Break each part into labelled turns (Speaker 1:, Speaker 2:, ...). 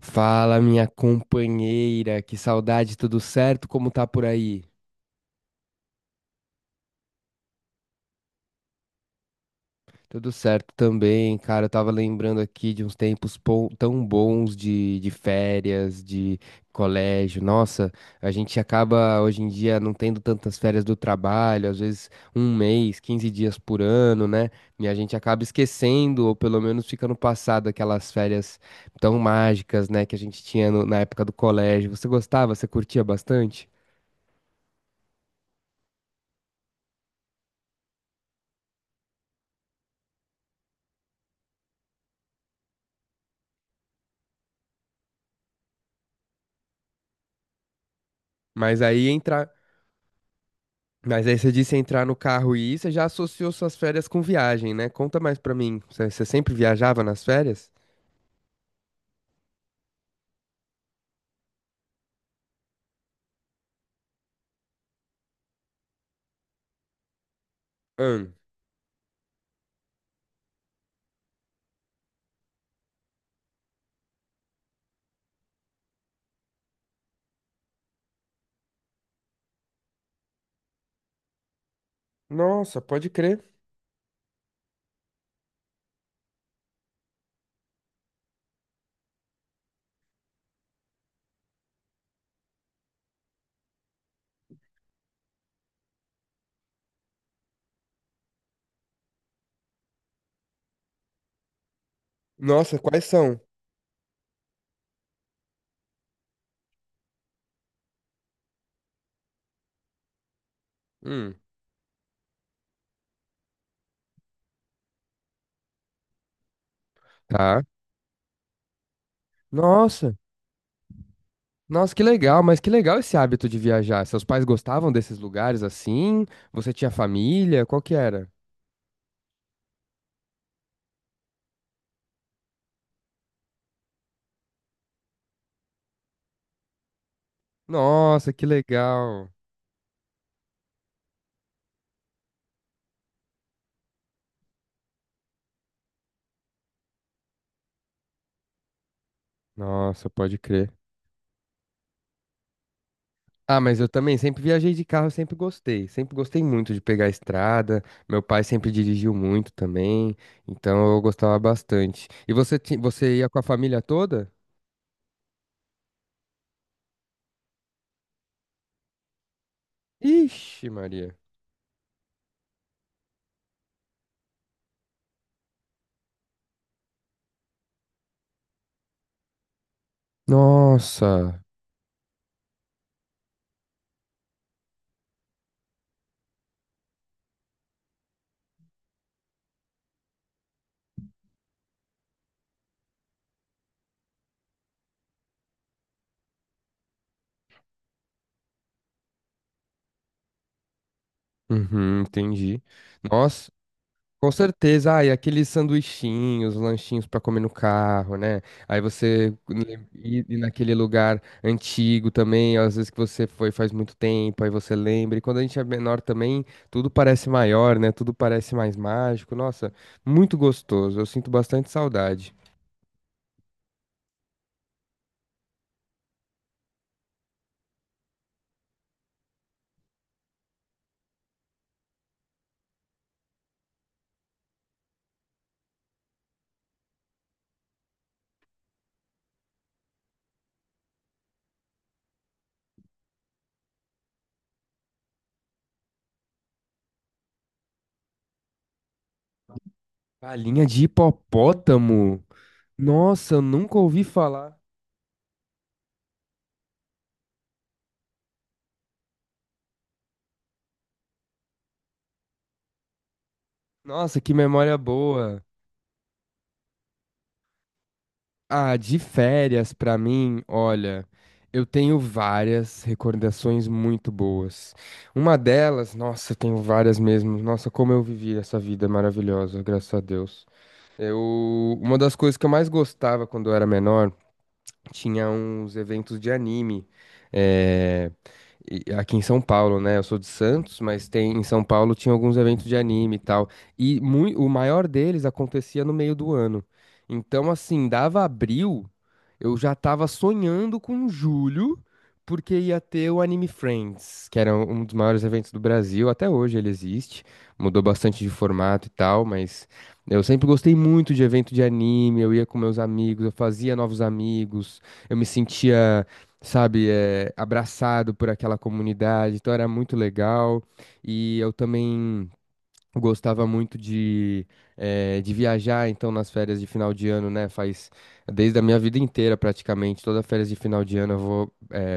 Speaker 1: Fala, minha companheira, que saudade, tudo certo? Como tá por aí? Tudo certo também, cara. Eu tava lembrando aqui de uns tempos tão bons de férias, de colégio. Nossa, a gente acaba hoje em dia não tendo tantas férias do trabalho, às vezes um mês, 15 dias por ano, né? E a gente acaba esquecendo, ou pelo menos fica no passado, aquelas férias tão mágicas, né, que a gente tinha na época do colégio. Você gostava? Você curtia bastante? Mas aí entra. Mas aí você disse entrar no carro e ir, você já associou suas férias com viagem, né? Conta mais pra mim. Você sempre viajava nas férias? Hum. Nossa, pode crer. Nossa, quais são? Hum. Tá. Nossa. Nossa, que legal, mas que legal esse hábito de viajar. Seus pais gostavam desses lugares assim? Você tinha família? Qual que era? Nossa, que legal. Nossa, pode crer. Ah, mas eu também sempre viajei de carro, sempre gostei. Sempre gostei muito de pegar a estrada. Meu pai sempre dirigiu muito também, então eu gostava bastante. E você, você ia com a família toda? Ixi, Maria. Nossa. Uhum, entendi. Nossa. Com certeza, ah, e aqueles sanduichinhos, lanchinhos para comer no carro, né? Aí você ir naquele lugar antigo também, às vezes que você foi faz muito tempo, aí você lembra. E quando a gente é menor também, tudo parece maior, né? Tudo parece mais mágico. Nossa, muito gostoso. Eu sinto bastante saudade. Galinha de hipopótamo? Nossa, eu nunca ouvi falar. Nossa, que memória boa. Ah, de férias pra mim, olha, eu tenho várias recordações muito boas. Uma delas, nossa, eu tenho várias mesmo. Nossa, como eu vivi essa vida maravilhosa, graças a Deus. Eu, uma das coisas que eu mais gostava quando eu era menor tinha uns eventos de anime é, aqui em São Paulo, né? Eu sou de Santos, mas tem em São Paulo tinha alguns eventos de anime e tal. E o maior deles acontecia no meio do ano. Então, assim, dava abril, eu já tava sonhando com julho, porque ia ter o Anime Friends, que era um dos maiores eventos do Brasil. Até hoje ele existe, mudou bastante de formato e tal, mas eu sempre gostei muito de evento de anime. Eu ia com meus amigos, eu fazia novos amigos. Eu me sentia, sabe, abraçado por aquela comunidade, então era muito legal. E eu também gostava muito de, de viajar, então nas férias de final de ano, né? Faz desde a minha vida inteira praticamente, toda férias de final de ano eu vou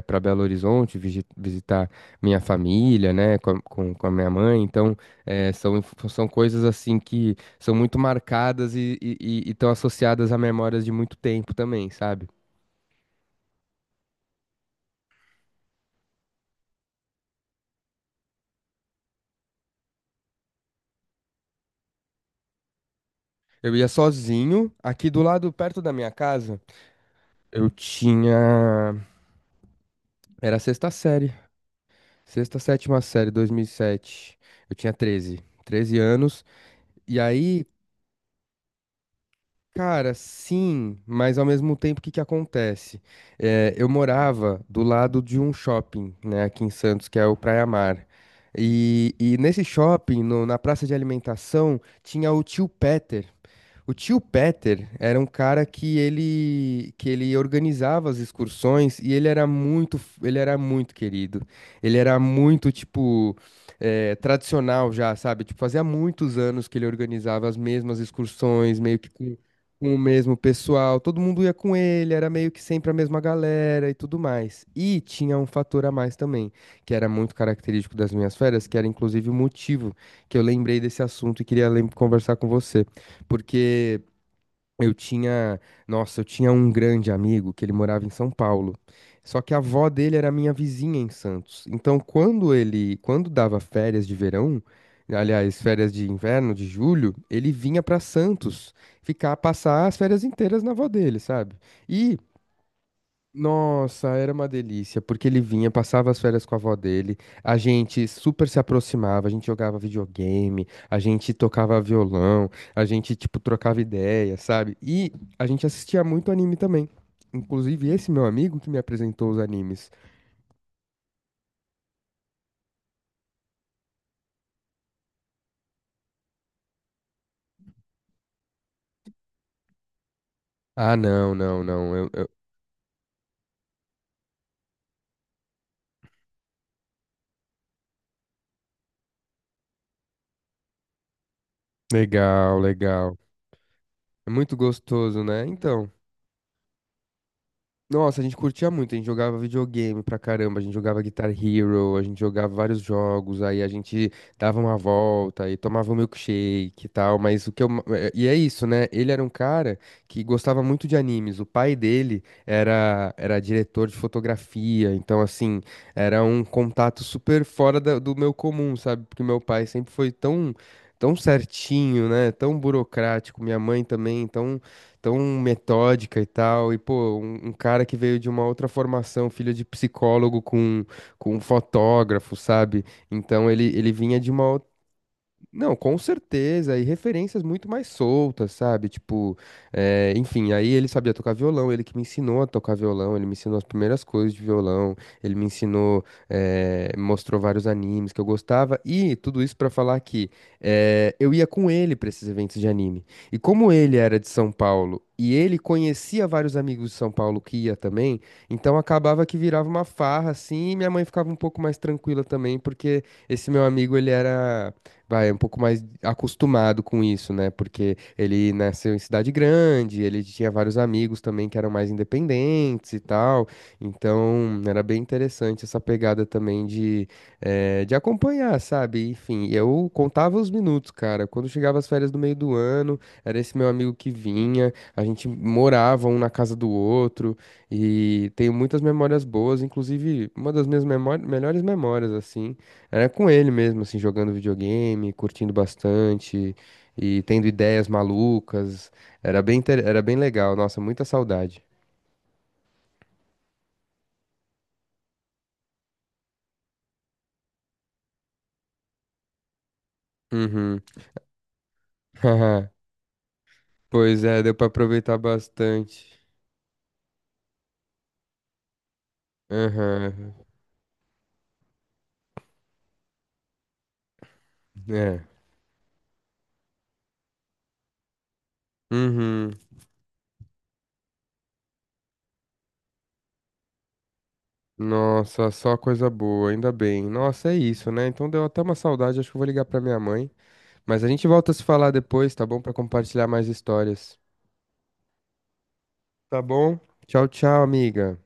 Speaker 1: para Belo Horizonte visitar minha família, né? Com a minha mãe, então são, são coisas assim que são muito marcadas e estão associadas a memórias de muito tempo também, sabe? Eu ia sozinho, aqui do lado, perto da minha casa, eu tinha. Era a sexta série. Sexta, sétima série, 2007. Eu tinha 13. 13 anos. E aí, cara, sim, mas ao mesmo tempo, o que que acontece? É, eu morava do lado de um shopping, né, aqui em Santos, que é o Praia Mar. E nesse shopping, na praça de alimentação, tinha o tio Peter. O tio Peter era um cara que ele organizava as excursões e ele era muito querido. Ele era muito tipo tradicional já, sabe? Tipo, fazia muitos anos que ele organizava as mesmas excursões, meio que com o mesmo pessoal. Todo mundo ia com ele, era meio que sempre a mesma galera e tudo mais. E tinha um fator a mais também, que era muito característico das minhas férias, que era inclusive o motivo que eu lembrei desse assunto e queria conversar com você porque eu tinha, nossa, eu tinha um grande amigo que ele morava em São Paulo. Só que a avó dele era minha vizinha em Santos. Então, quando ele, quando dava férias de verão, aliás, férias de inverno de julho, ele vinha para Santos ficar passar as férias inteiras na avó dele, sabe? E nossa, era uma delícia, porque ele vinha, passava as férias com a avó dele, a gente super se aproximava, a gente jogava videogame, a gente tocava violão, a gente, tipo, trocava ideia, sabe? E a gente assistia muito anime também. Inclusive, esse meu amigo que me apresentou os animes. Ah, não, não, não. Legal, legal. É muito gostoso, né? Então. Nossa, a gente curtia muito, a gente jogava videogame pra caramba, a gente jogava Guitar Hero, a gente jogava vários jogos, aí a gente dava uma volta e tomava um milkshake e tal, mas o que eu... ma- eh, E é isso, né? Ele era um cara que gostava muito de animes, o pai dele era, era diretor de fotografia, então assim, era um contato super do meu comum, sabe? Porque meu pai sempre foi tão certinho, né? Tão burocrático, minha mãe também, então tão metódica e tal. E, pô, um cara que veio de uma outra formação, filho de psicólogo com fotógrafo, sabe? Então ele vinha de uma. Não, com certeza, e referências muito mais soltas, sabe? Tipo, enfim, aí ele sabia tocar violão, ele que me ensinou a tocar violão, ele me ensinou as primeiras coisas de violão, ele me ensinou, eh, me mostrou vários animes que eu gostava, e tudo isso pra falar que eu ia com ele pra esses eventos de anime. E como ele era de São Paulo, e ele conhecia vários amigos de São Paulo que ia também, então acabava que virava uma farra, assim, e minha mãe ficava um pouco mais tranquila também, porque esse meu amigo, ele era vai, é um pouco mais acostumado com isso, né? Porque ele nasceu em cidade grande, ele tinha vários amigos também que eram mais independentes e tal. Então, era bem interessante essa pegada também de acompanhar, sabe? Enfim, eu contava os minutos, cara. Quando chegava as férias do meio do ano, era esse meu amigo que vinha, a gente morava um na casa do outro. E tenho muitas memórias boas, inclusive uma das minhas melhores memórias, assim. Era com ele mesmo, assim, jogando videogame, curtindo bastante e tendo ideias malucas. Era bem legal. Nossa, muita saudade. Uhum. Pois é, deu pra aproveitar bastante. Aham. É. Uhum. Nossa, só coisa boa, ainda bem. Nossa, é isso, né? Então deu até uma saudade, acho que eu vou ligar pra minha mãe. Mas a gente volta a se falar depois, tá bom? Pra compartilhar mais histórias. Tá bom? Tchau, tchau, amiga.